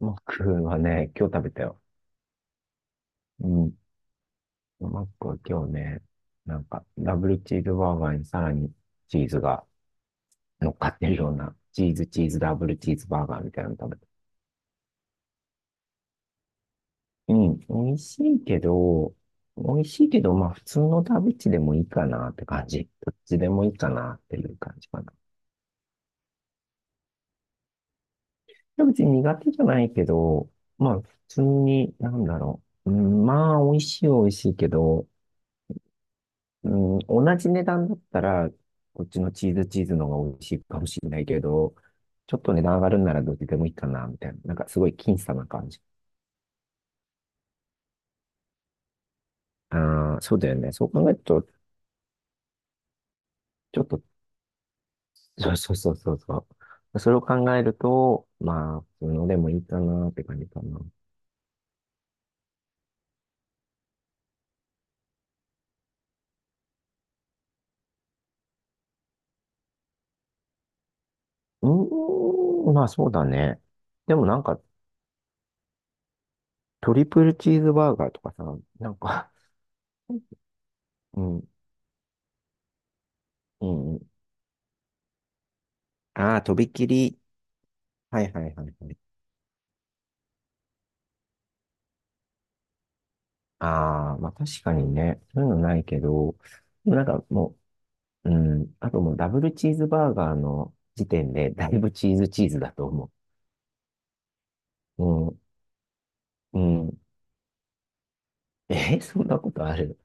マックはね、今日食べたよ。うん。マックは今日ね、なんか、ダブルチーズバーガーにさらにチーズが乗っかってるような、チーズチーズダブルチーズバーガーみたいなの食べた。うん。美味しいけど、美味しいけど、まあ普通のダブチでもいいかなって感じ。どっちでもいいかなっていう感じかな。ダブチ苦手じゃないけど、まあ普通に、なんだろう。うん、まあ美味しいは美味しいけど、うん、同じ値段だったら、こっちのチーズチーズの方が美味しいかもしれないけど、ちょっと値段上がるんならどっちでもいいかな、みたいな。なんかすごい僅差な感じ。ああ、そうだよね。そう考えると、ちょっと、そうそうそうそうそう。それを考えると、まあ、普通のでもいいかなって感じかな。うーん、まあそうだね。でもなんか、トリプルチーズバーガーとかさ、なんか うん、うん、うん。ああ、とびきり。はいはいはいはい。ああ、まあ確かにね、そういうのないけど、でもなんかもう、うん、あともうダブルチーズバーガーの時点で、だいぶチーズチーズだと思う。うん、うん。え、そんなことある？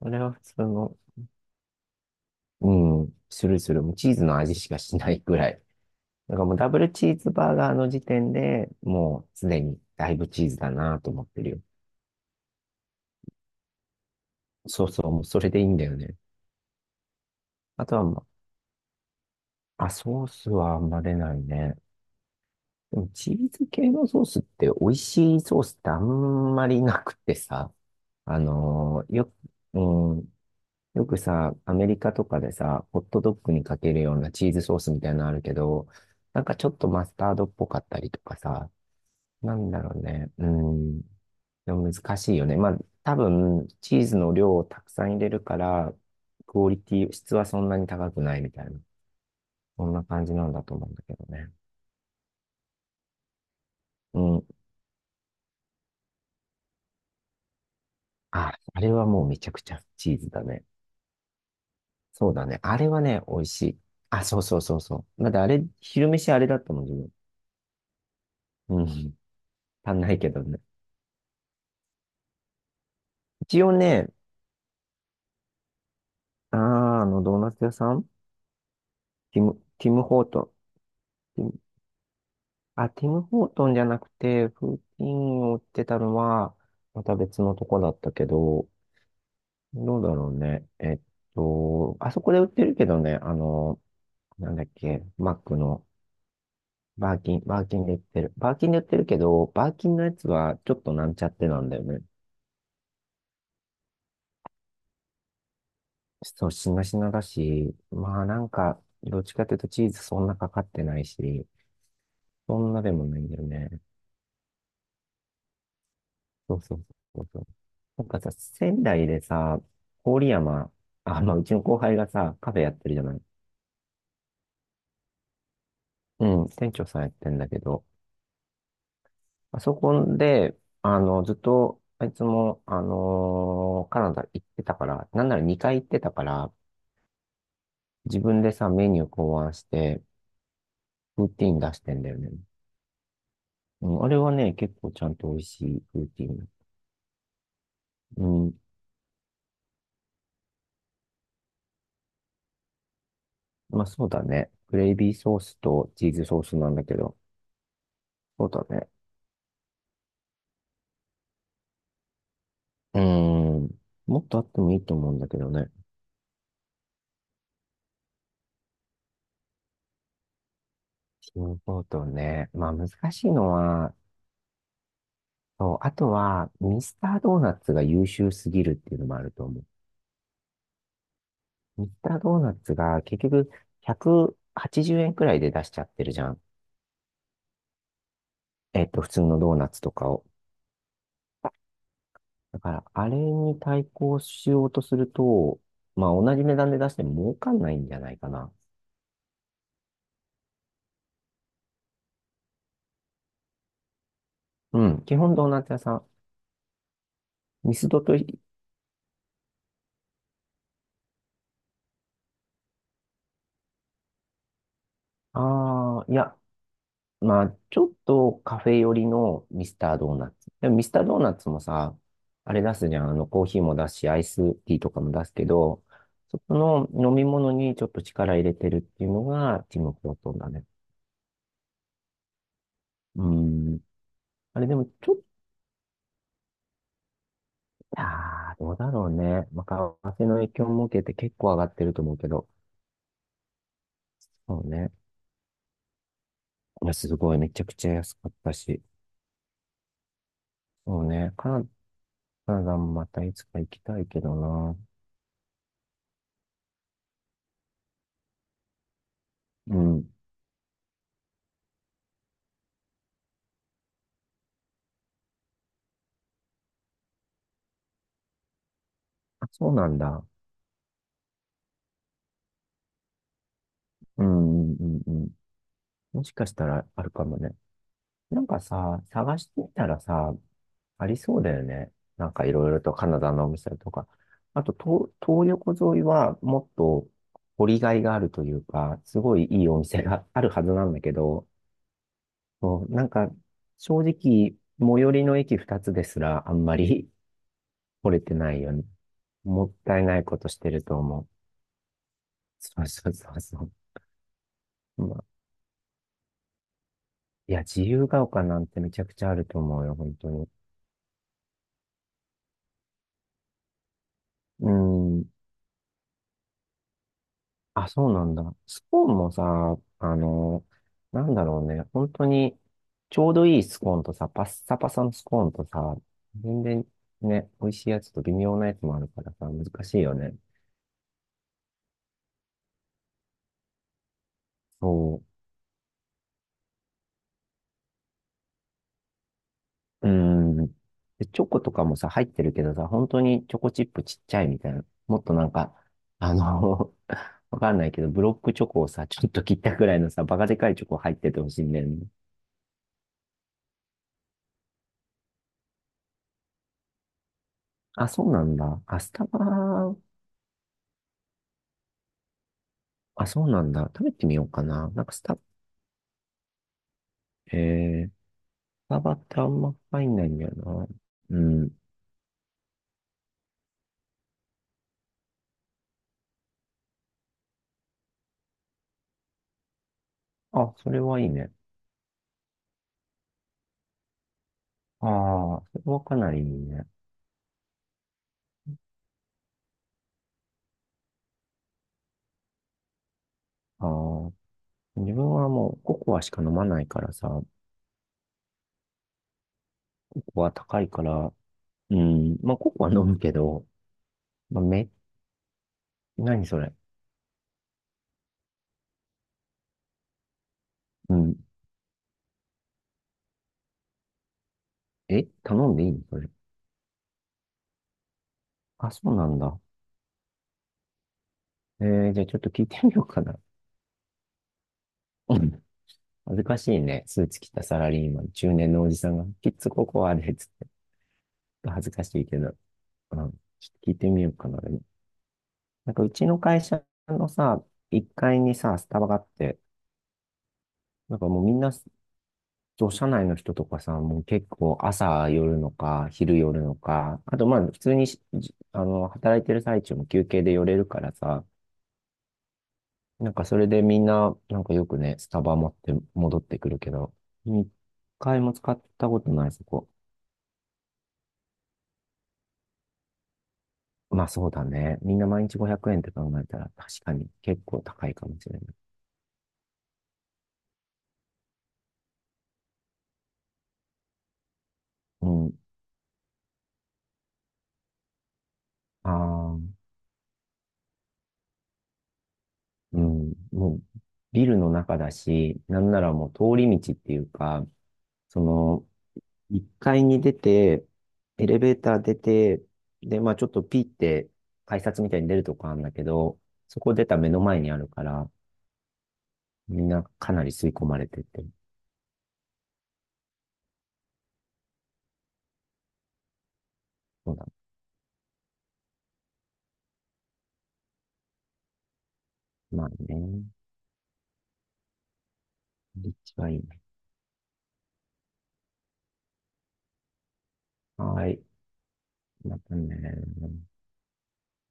あれ は普通の、うん、するする、もうチーズの味しかしないぐらい。なんかもうダブルチーズバーガーの時点でもうすでにだいぶチーズだなと思ってるよ。そうそう、もうそれでいいんだよね。あとは、まあ、ソースはあんま出ないね。でもチーズ系のソースって美味しいソースってあんまりなくてさ、あのーよ、うん、よくさ、アメリカとかでさ、ホットドッグにかけるようなチーズソースみたいなのあるけど、なんかちょっとマスタードっぽかったりとかさ、なんだろうね、うん、でも難しいよね。まあ、多分、チーズの量をたくさん入れるから、クオリティ、質はそんなに高くないみたいな、そんな感じなんだと思うんだけどね。うん。あ、あれはもうめちゃくちゃチーズだね。そうだね。あれはね、美味しい。あ、そうそうそうそう。まだってあれ、昼飯あれだったもん、自分。うん。足んないけどね。一応ね、あー、ドーナツ屋さんティム・ホートン。ティムティム・ホートンじゃなくて、フーティンを売ってたのは、また別のとこだったけど、どうだろうね。あそこで売ってるけどね、なんだっけ、マックの、バーキンで売ってる。バーキンで売ってるけど、バーキンのやつはちょっとなんちゃってなんだよね。そう、しなしなだし、まあなんか、どっちかというとチーズそんなかかってないし、そんなでもないんだよね。そうそうそうそう。なんかさ、仙台でさ、郡山、あ、まあうちの後輩がさ、カフェやってるじゃない。うん、店長さんやってんだけど、あそこで、ずっと、あいつも、カナダ行ってたから、なんなら2回行ってたから、自分でさ、メニュー考案して、ルーティン出してんだよね。うん、あれはね、結構ちゃんと美味しいルーティン。うん。まあそうだね。グレイビーソースとチーズソースなんだけど。そうだね。うん。もっとあってもいいと思うんだけどね。チームポートね。まあ難しいのは、そう、あとは、ミスタードーナツが優秀すぎるっていうのもあると思う。ミスタードーナツが結局180円はちじゅうえんくらいで出しちゃってるじゃん。普通のドーナツとかを。だから、あれに対抗しようとすると、まあ、同じ値段で出しても儲かんないんじゃないかな。うん、基本ドーナツ屋さん。ミスドとい、ああ、いや、まあ、ちょっとカフェ寄りのミスタードーナツ。でもミスタードーナツもさ、あれ出すじゃん。コーヒーも出すし、アイスティーとかも出すけど、そこの飲み物にちょっと力入れてるっていうのが、ティム・ホートンだね。うん。あれでも、ちょっいやー、どうだろうね。まあ、為替の影響も受けて結構上がってると思うけど。そうね。いや、すごい。めちゃくちゃ安かったし。そうね。カナダもまたいつか行きたいけどな。うん。あ、そうなんだ。うん、うん、うん。うん。もしかしたらあるかもね。なんかさ、探してみたらさ、ありそうだよね。なんかいろいろとカナダのお店とか。あと、東横沿いはもっと掘りがいがあるというか、すごいいいお店があるはずなんだけど、そう、なんか、正直、最寄りの駅二つですら、あんまり 来れてないよね。もったいないことしてると思う。そうそうそうそう。まあ、いや、自由が丘なんてめちゃくちゃあると思うよ、本当に。うん。あ、そうなんだ。スコーンもさ、なんだろうね。本当に、ちょうどいいスコーンとさ、パッサパサのスコーンとさ、全然ね、美味しいやつと微妙なやつもあるからさ、難しいよね。そう。うん。で、チョコとかもさ、入ってるけどさ、本当にチョコチップちっちゃいみたいな。もっとなんか、あの わかんないけど、ブロックチョコをさ、ちょっと切ったぐらいのさ、バカでかいチョコ入っててほしいんだよね。あ、そうなんだ。あ、スタバ、あ、そうなんだ。食べてみようかな。なんかスタバってあんま入んないんだよな。うん。あ、それはいいね。ああ、それはかなりいいね。ああ、自分はもうココアしか飲まないからさ、ココア高いから、うん。まあ、ココは飲むけど、まあ、何それ？うん。え、頼んでいいのそれ？あ、そうなんだ。えー、じゃあちょっと聞いてみようかな。うん。恥ずかしいね。スーツ着たサラリーマン、中年のおじさんが、キッズココアで、つって。恥ずかしいけど。うん。ちょっと聞いてみようかな。でもなんかうちの会社のさ、1階にさ、スタバがあって、なんかもうみんなそう、社内の人とかさ、もう結構朝寄るのか、昼寄るのか、あとまあ普通にし、じあの、働いてる最中も休憩で寄れるからさ、なんかそれでみんな、なんかよくね、スタバ持って戻ってくるけど、一回も使ったことない、そこ。まあそうだね。みんな毎日500円って考えたら確かに結構高いかもしれない。うん。ああ、うん。もうビルの中だし、なんならもう通り道っていうか、その、1階に出て、エレベーター出て、で、まあちょっとピーって改札みたいに出るとこあるんだけど、そこ出た目の前にあるから、みんなかなり吸い込まれてて。そうだ。まあね。立地はいいね。はーい。またね。